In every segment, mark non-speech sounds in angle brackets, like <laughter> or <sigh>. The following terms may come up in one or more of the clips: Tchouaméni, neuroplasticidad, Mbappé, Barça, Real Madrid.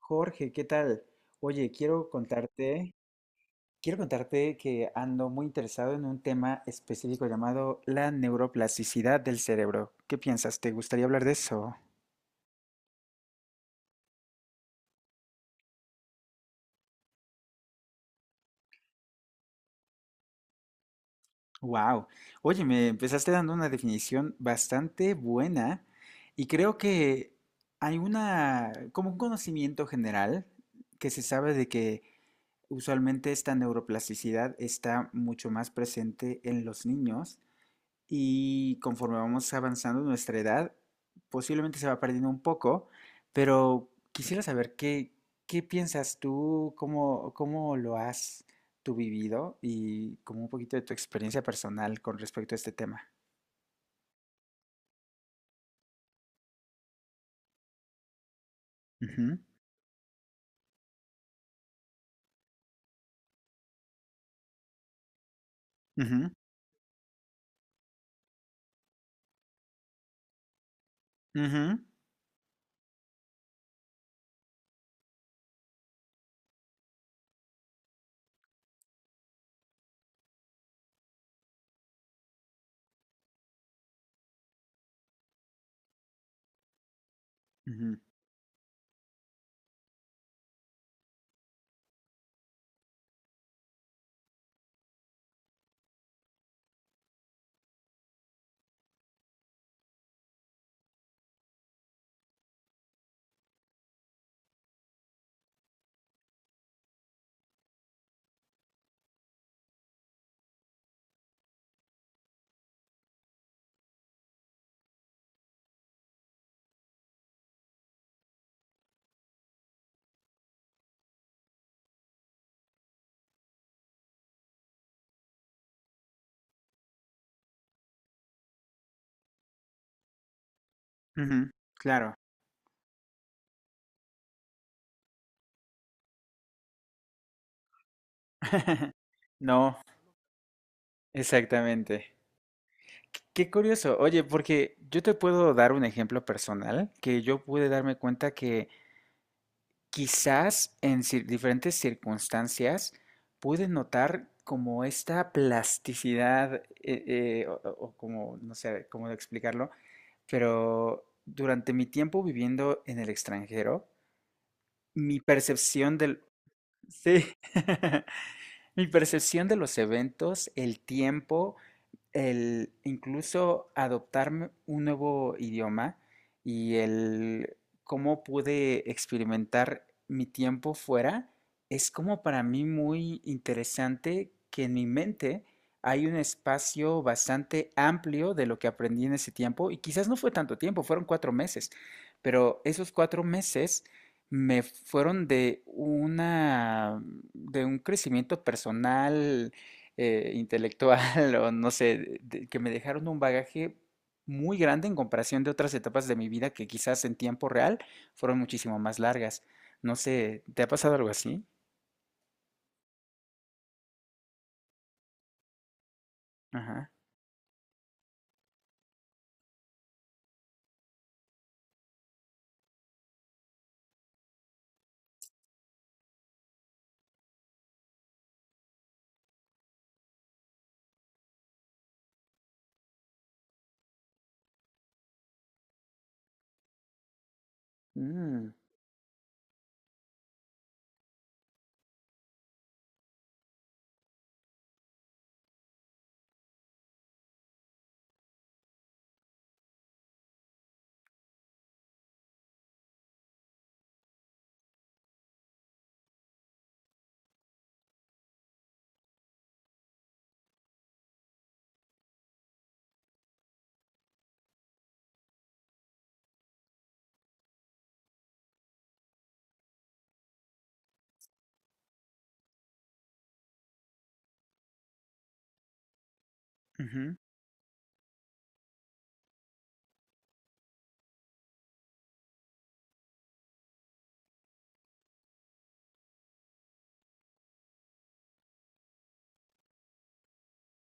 Jorge, ¿qué tal? Oye, quiero contarte que ando muy interesado en un tema específico llamado la neuroplasticidad del cerebro. ¿Qué piensas? ¿Te gustaría hablar de eso? Wow. Oye, me empezaste dando una definición bastante buena y creo que hay una, como un conocimiento general que se sabe de que usualmente esta neuroplasticidad está mucho más presente en los niños y conforme vamos avanzando en nuestra edad, posiblemente se va perdiendo un poco, pero quisiera saber qué piensas tú, cómo lo has tú vivido y como un poquito de tu experiencia personal con respecto a este tema. Ujú, ujú, ujú, ujú, ujú, claro, no, exactamente. Qué curioso, oye, porque yo te puedo dar un ejemplo personal que yo pude darme cuenta que quizás en diferentes circunstancias pude notar como esta plasticidad, o, o como, no sé cómo explicarlo, pero durante mi tiempo viviendo en el extranjero, mi percepción del... Sí, <laughs> mi percepción de los eventos, el tiempo, el incluso adoptar un nuevo idioma y el cómo pude experimentar mi tiempo fuera es como para mí muy interesante que en mi mente hay un espacio bastante amplio de lo que aprendí en ese tiempo y quizás no fue tanto tiempo, fueron cuatro meses, pero esos cuatro meses me fueron de una de un crecimiento personal intelectual <laughs> o no sé, que me dejaron un bagaje muy grande en comparación de otras etapas de mi vida que quizás en tiempo real fueron muchísimo más largas. No sé, ¿te ha pasado algo así? Ajá. Mm, ujú,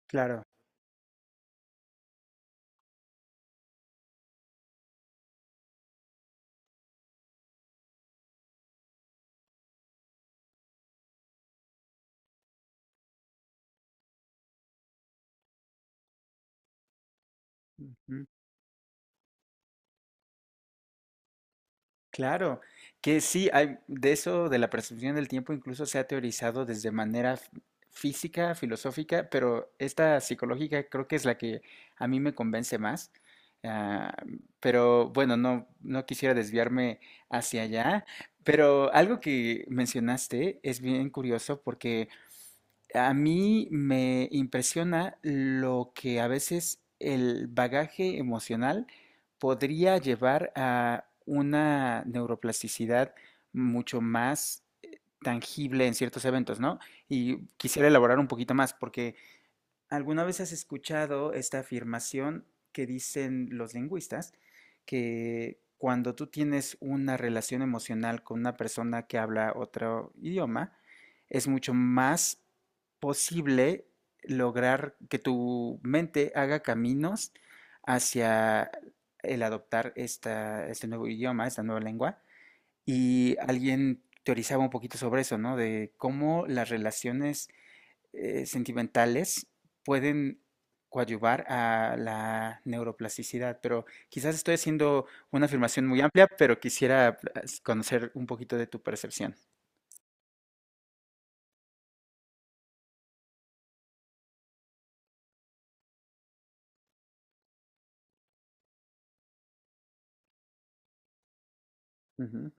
claro. Ujú. Claro, que sí, hay, de eso, de la percepción del tiempo, incluso se ha teorizado desde manera física, filosófica, pero esta psicológica creo que es la que a mí me convence más. Ah, pero bueno, no, no quisiera desviarme hacia allá, pero algo que mencionaste es bien curioso porque a mí me impresiona lo que a veces el bagaje emocional podría llevar a una neuroplasticidad mucho más tangible en ciertos eventos, ¿no? Y quisiera elaborar un poquito más, porque ¿alguna vez has escuchado esta afirmación que dicen los lingüistas, que cuando tú tienes una relación emocional con una persona que habla otro idioma, es mucho más posible lograr que tu mente haga caminos hacia el adoptar esta, este nuevo idioma, esta nueva lengua? Y alguien teorizaba un poquito sobre eso, ¿no? De cómo las relaciones sentimentales pueden coadyuvar a la neuroplasticidad, pero quizás estoy haciendo una afirmación muy amplia, pero quisiera conocer un poquito de tu percepción. Ujú,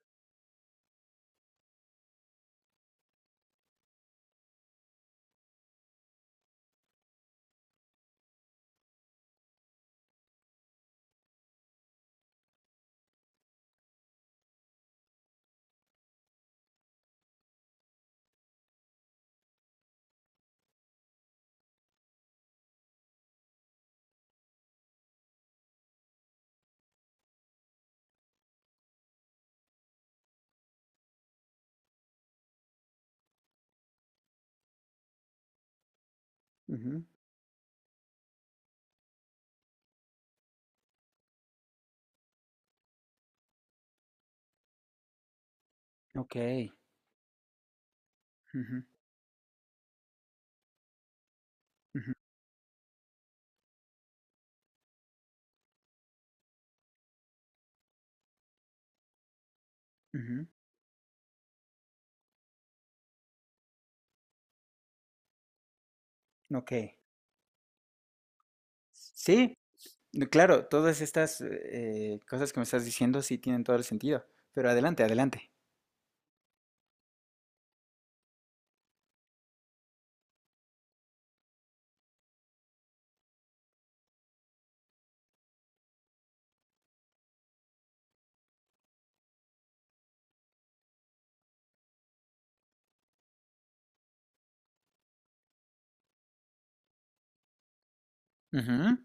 ujú, ok, ujú, ujú, ujú, ok. Sí, no, claro, todas estas cosas que me estás diciendo sí tienen todo el sentido, pero adelante, adelante. Ujú,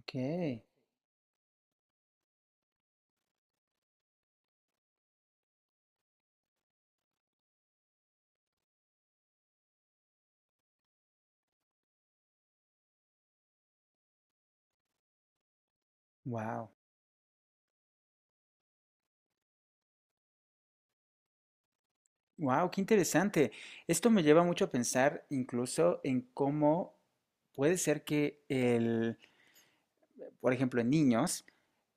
ok. Wow. Wow, qué interesante. Esto me lleva mucho a pensar incluso en cómo puede ser que el, por ejemplo, en niños,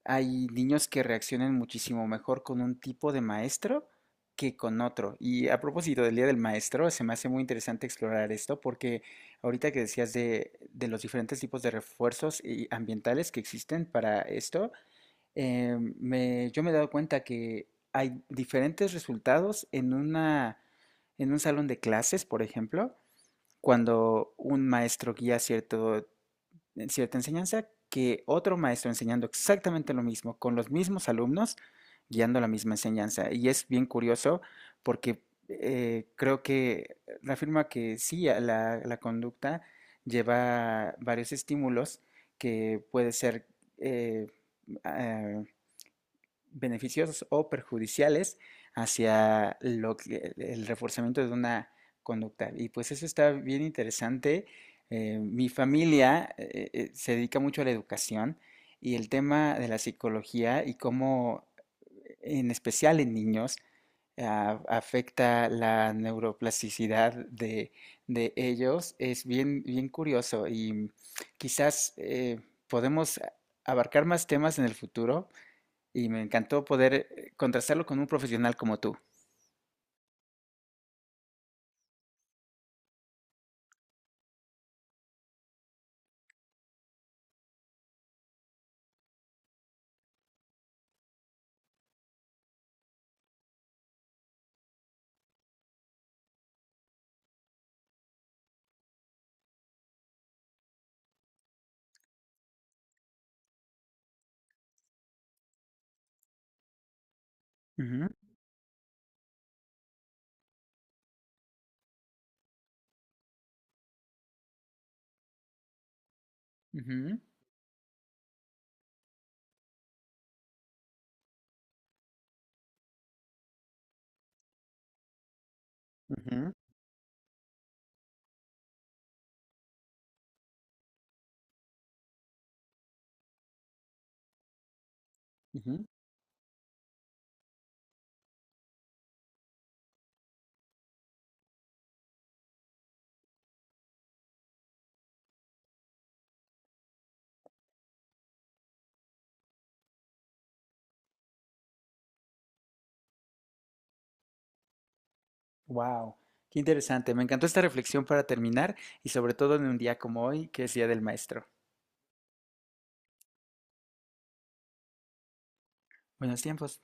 hay niños que reaccionan muchísimo mejor con un tipo de maestro que con otro. Y a propósito del Día del Maestro, se me hace muy interesante explorar esto porque ahorita que decías de los diferentes tipos de refuerzos y ambientales que existen para esto, yo me he dado cuenta que hay diferentes resultados en una, en un salón de clases, por ejemplo, cuando un maestro guía cierto, cierta enseñanza, que otro maestro enseñando exactamente lo mismo, con los mismos alumnos, guiando la misma enseñanza. Y es bien curioso porque creo que reafirma que sí, a la, la conducta lleva varios estímulos que puede ser... eh, eh, beneficiosos o perjudiciales hacia lo que, el reforzamiento de una conducta. Y pues eso está bien interesante. Mi familia se dedica mucho a la educación y el tema de la psicología y cómo, en especial en niños, afecta la neuroplasticidad de ellos es bien, bien curioso y quizás podemos abarcar más temas en el futuro y me encantó poder, contrastarlo con un profesional como tú. Ujú, ujú, ujú, ujú. Guau, qué interesante. Me encantó esta reflexión para terminar y sobre todo en un día como hoy, que es Día del Maestro. Buenos tiempos.